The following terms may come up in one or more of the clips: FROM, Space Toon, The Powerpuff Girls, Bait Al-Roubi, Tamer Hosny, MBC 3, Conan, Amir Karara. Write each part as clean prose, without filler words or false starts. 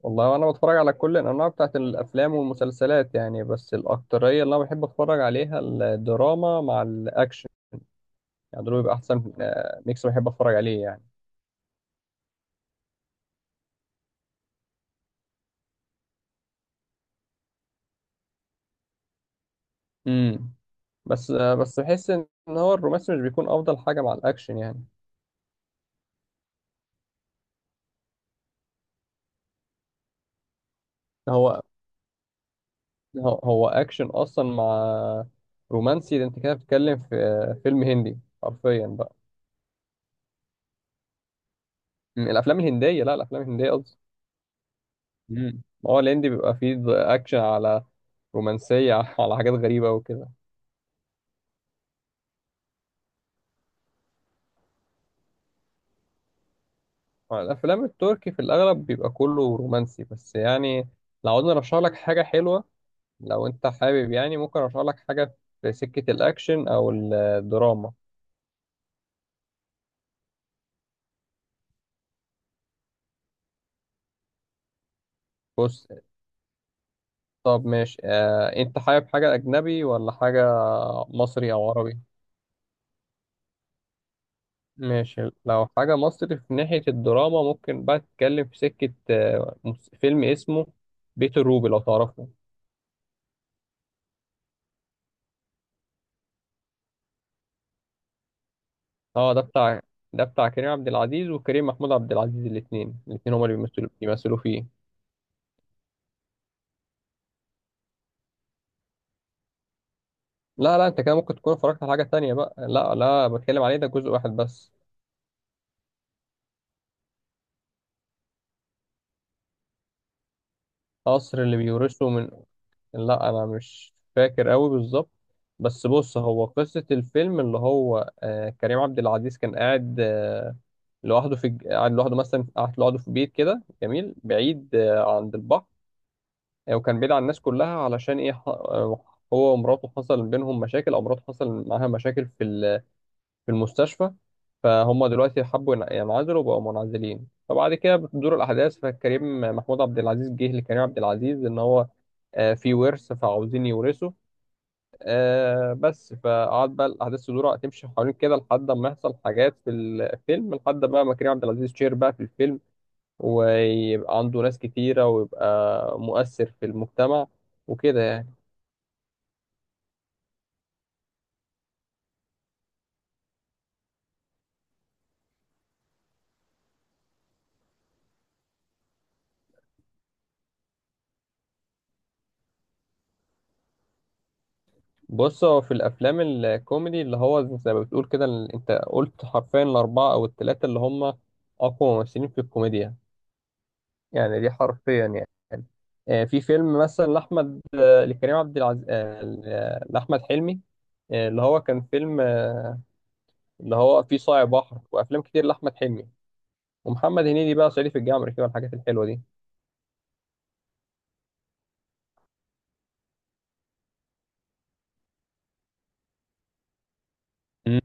والله وانا بتفرج على كل الانواع بتاعت الافلام والمسلسلات يعني، بس الاكتريه اللي انا بحب اتفرج عليها الدراما مع الاكشن. يعني دول بيبقى احسن ميكس بحب اتفرج عليه يعني. امم بس بحس ان هو الرومانسي مش بيكون افضل حاجه مع الاكشن يعني. هو هو اكشن اصلا مع رومانسي، ده انت كده بتتكلم في فيلم هندي حرفيا بقى. الافلام الهنديه، لا، الافلام الهنديه قصدي. مم. ما هو الهندي بيبقى فيه اكشن على رومانسيه على حاجات غريبه وكده. الافلام التركي في الاغلب بيبقى كله رومانسي بس يعني. لو عاوزني ارشح لك حاجه حلوه، لو انت حابب يعني، ممكن ارشح لك حاجه في سكه الاكشن او الدراما. بص. طب ماشي، انت حابب حاجه اجنبي ولا حاجه مصري او عربي؟ ماشي، لو حاجه مصري في ناحيه الدراما، ممكن بقى تتكلم في سكه فيلم اسمه بيت الروبي، لو تعرفه. اه، ده بتاع كريم عبد العزيز وكريم محمود عبد العزيز، الاثنين هما اللي بيمثلوا فيه. لا، لا، انت كده ممكن تكون اتفرجت على حاجة تانية بقى. لا، لا، بتكلم عليه ده جزء واحد بس. قصر اللي بيورثه من، لا انا مش فاكر قوي بالظبط. بس بص، هو قصة الفيلم اللي هو كريم عبد العزيز كان قاعد لوحده في الج- قاعد لوحده مثلا قاعد لوحده في بيت كده جميل بعيد عند البحر. وكان بعيد عن الناس كلها، علشان ايه هو ومراته حصل بينهم مشاكل، او مراته حصل معاها مشاكل في المستشفى. فهم دلوقتي حبوا ينعزلوا وبقوا منعزلين. فبعد كده بتدور الأحداث، فكريم محمود عبد العزيز جه لكريم عبد العزيز إن هو في ورث فعاوزين يورثوا، بس فقعد بقى الأحداث تدور تمشي حوالين كده، لحد ما يحصل حاجات في الفيلم، لحد بقى ما كريم عبد العزيز شير بقى في الفيلم، ويبقى عنده ناس كتيرة ويبقى مؤثر في المجتمع وكده يعني. بص، هو في الافلام الكوميدي اللي هو زي ما بتقول كده، انت قلت حرفيا الاربعه او الثلاثه اللي هم اقوى ممثلين في الكوميديا. يعني دي حرفيا يعني. في فيلم مثلا لاحمد، لكريم عبد العزيز، لاحمد حلمي. اللي هو كان فيلم اللي هو فيه صايع بحر وافلام كتير لاحمد حلمي. ومحمد هنيدي بقى صعيدي في الجامعه الامريكيه والحاجات الحلوه دي. مم.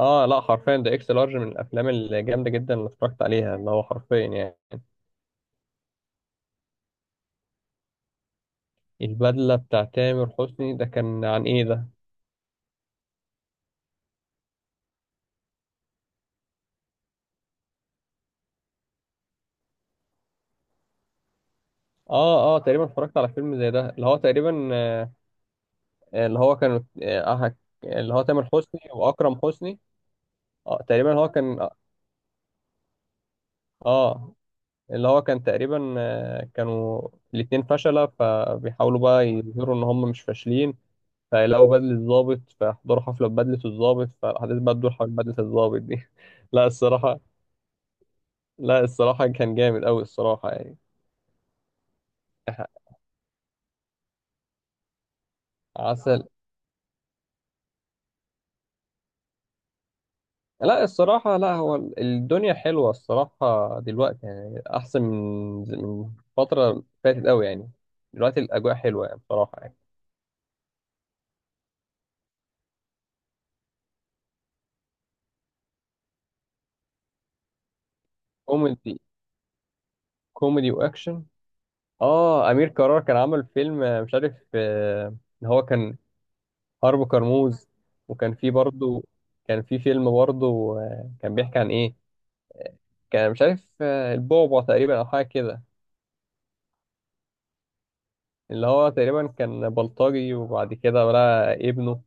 اه، لا، حرفيا ده اكس لارج من الافلام الجامده جدا اللي اتفرجت عليها، اللي هو حرفيا يعني. البدله بتاع تامر حسني ده كان عن ايه ده؟ اه، اه، تقريبا اتفرجت على فيلم زي ده اللي هو تقريبا، اللي هو كان، آه، اللي هو تامر حسني واكرم حسني. اه تقريبا هو كان، آه، اللي هو كان تقريبا، كانوا الاتنين فشلة، فبيحاولوا بقى يظهروا ان هم مش فاشلين. فيلاقوا بدلة الضابط، فيحضروا حفلة ببدلة الضابط، فالاحداث بقى تدور حول بدلة الضابط دي لا الصراحة، لا الصراحة كان جامد قوي الصراحة يعني. عسل. لا الصراحة، لا هو الدنيا حلوة الصراحة دلوقتي يعني، أحسن من فترة فاتت أوي يعني. دلوقتي الأجواء حلوة يعني، بصراحة يعني. كوميدي، كوميدي وأكشن. أمير كرارة كان عمل فيلم، مش عارف، إن هو كان حرب كرموز. وكان فيه برضه، كان فيه فيلم برضه كان بيحكي عن إيه. كان مش عارف البعبع تقريبا، أو حاجة كده. اللي هو تقريبا كان بلطجي، وبعد كده بقى ابنه،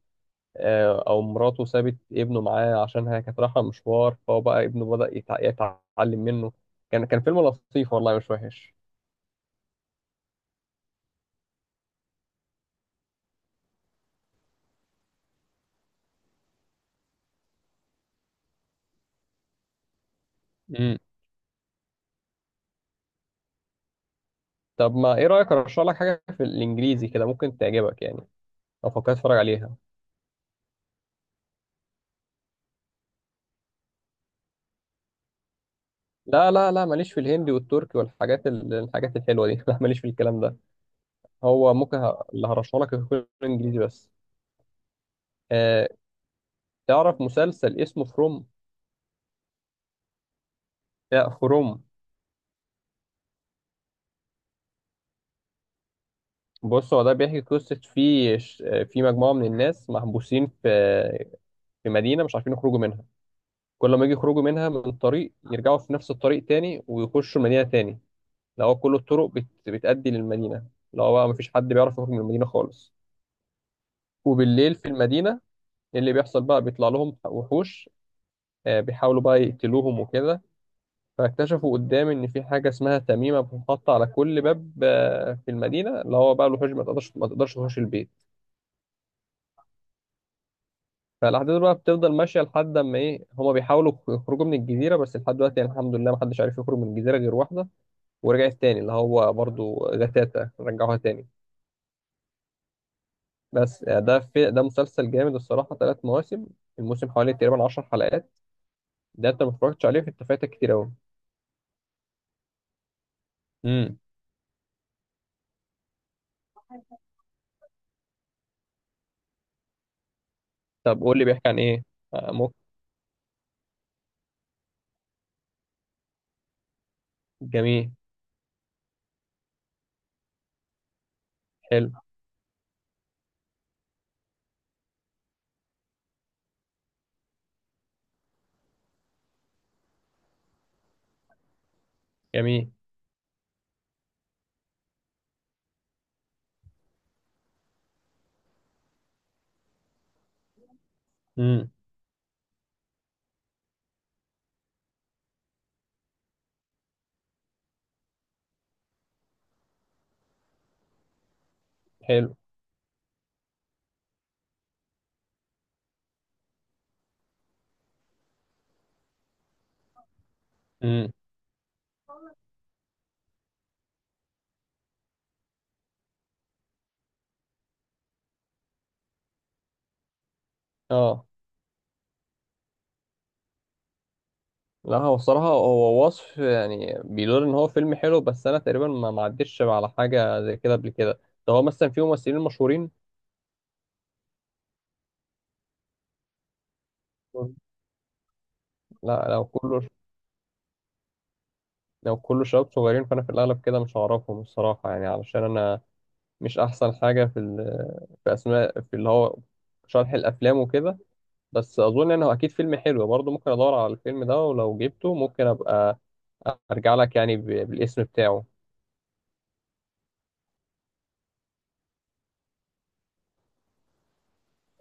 او مراته سابت ابنه معاه عشان هي كانت رايحه مشوار، فهو بقى ابنه بدأ يتعلم منه. كان فيلم لطيف والله، مش وحش. مم. طب ما ايه رأيك ارشح لك حاجة في الانجليزي كده ممكن تعجبك يعني، لو فكرت تتفرج عليها؟ لا، لا، لا، ماليش في الهندي والتركي والحاجات الحاجات الحلوة دي لا، ماليش في الكلام ده. هو ممكن اللي هرشح لك يكون انجليزي بس. آه تعرف مسلسل اسمه فروم؟ لا، فروم. بص، هو ده بيحكي قصة في في مجموعة من الناس محبوسين في مدينة، مش عارفين يخرجوا منها. كل ما يجي يخرجوا منها من طريق، يرجعوا في نفس الطريق تاني ويخشوا مدينة تاني. اللي هو كل الطرق بتأدي للمدينة. اللي هو بقى مفيش حد بيعرف يخرج من المدينة خالص. وبالليل في المدينة، اللي بيحصل بقى بيطلع لهم وحوش، بيحاولوا بقى يقتلوهم وكده. فاكتشفوا قدام ان في حاجة اسمها تميمة بتتحط على كل باب في المدينة، اللي هو بقى الوحوش ما تقدرش تخش البيت. فالاحداث بقى بتفضل ماشيه لحد اما ايه، هما بيحاولوا يخرجوا من الجزيره، بس لحد دلوقتي يعني الحمد لله ما حدش عارف يخرج من الجزيره غير واحده، ورجعت تاني اللي هو برضو جتاتا رجعوها تاني. بس ده في ده مسلسل جامد الصراحة، 3 مواسم. الموسم حوالي تقريبا 10 حلقات. ده انت ما اتفرجتش عليه، فانت فايتك كتير أوي. امم. طب قول لي بيحكي عن ايه. ممكن. جميل. حلو جميل. امم. حلو. امم. اه، لا، هو الصراحة هو وصف يعني بيقول ان هو فيلم حلو، بس انا تقريبا ما عدتش على حاجة زي كده قبل كده. ده هو مثلا فيه ممثلين مشهورين؟ لا، لو كله شباب صغيرين فانا في الاغلب كده مش هعرفهم الصراحه يعني، علشان انا مش احسن حاجه في في اسماء في اللي هو شرح الافلام وكده. بس اظن انه اكيد فيلم حلو برضه، ممكن ادور على الفيلم ده، ولو جبته ممكن ابقى ارجع لك يعني بالاسم بتاعه.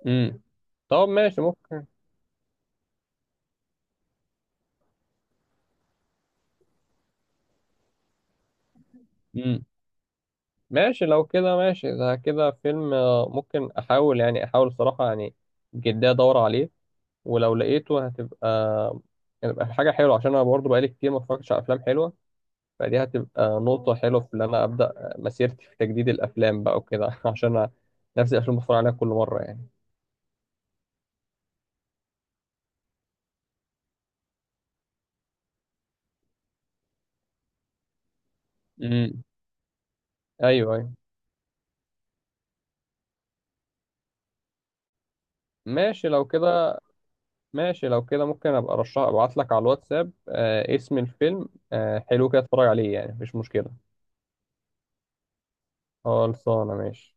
امم. طب ماشي، ممكن. امم. ماشي اذا كده فيلم، ممكن احاول يعني الصراحه يعني جدا ادور عليه. ولو لقيته هتبقى حاجه حلوه عشان انا برضه بقالي كتير ما اتفرجتش على افلام حلوه. فدي هتبقى نقطة حلوة في إن أنا أبدأ مسيرتي في تجديد الأفلام بقى وكده عشان أنا نفس الأفلام بتفرج عليها كل مرة يعني. امم. أيوه، أيوه، ماشي لو كده. ممكن أبقى أرشح أبعت لك على الواتساب، اسم الفيلم، حلو كده أتفرج عليه يعني، مفيش مشكلة. خلصانة، ماشي.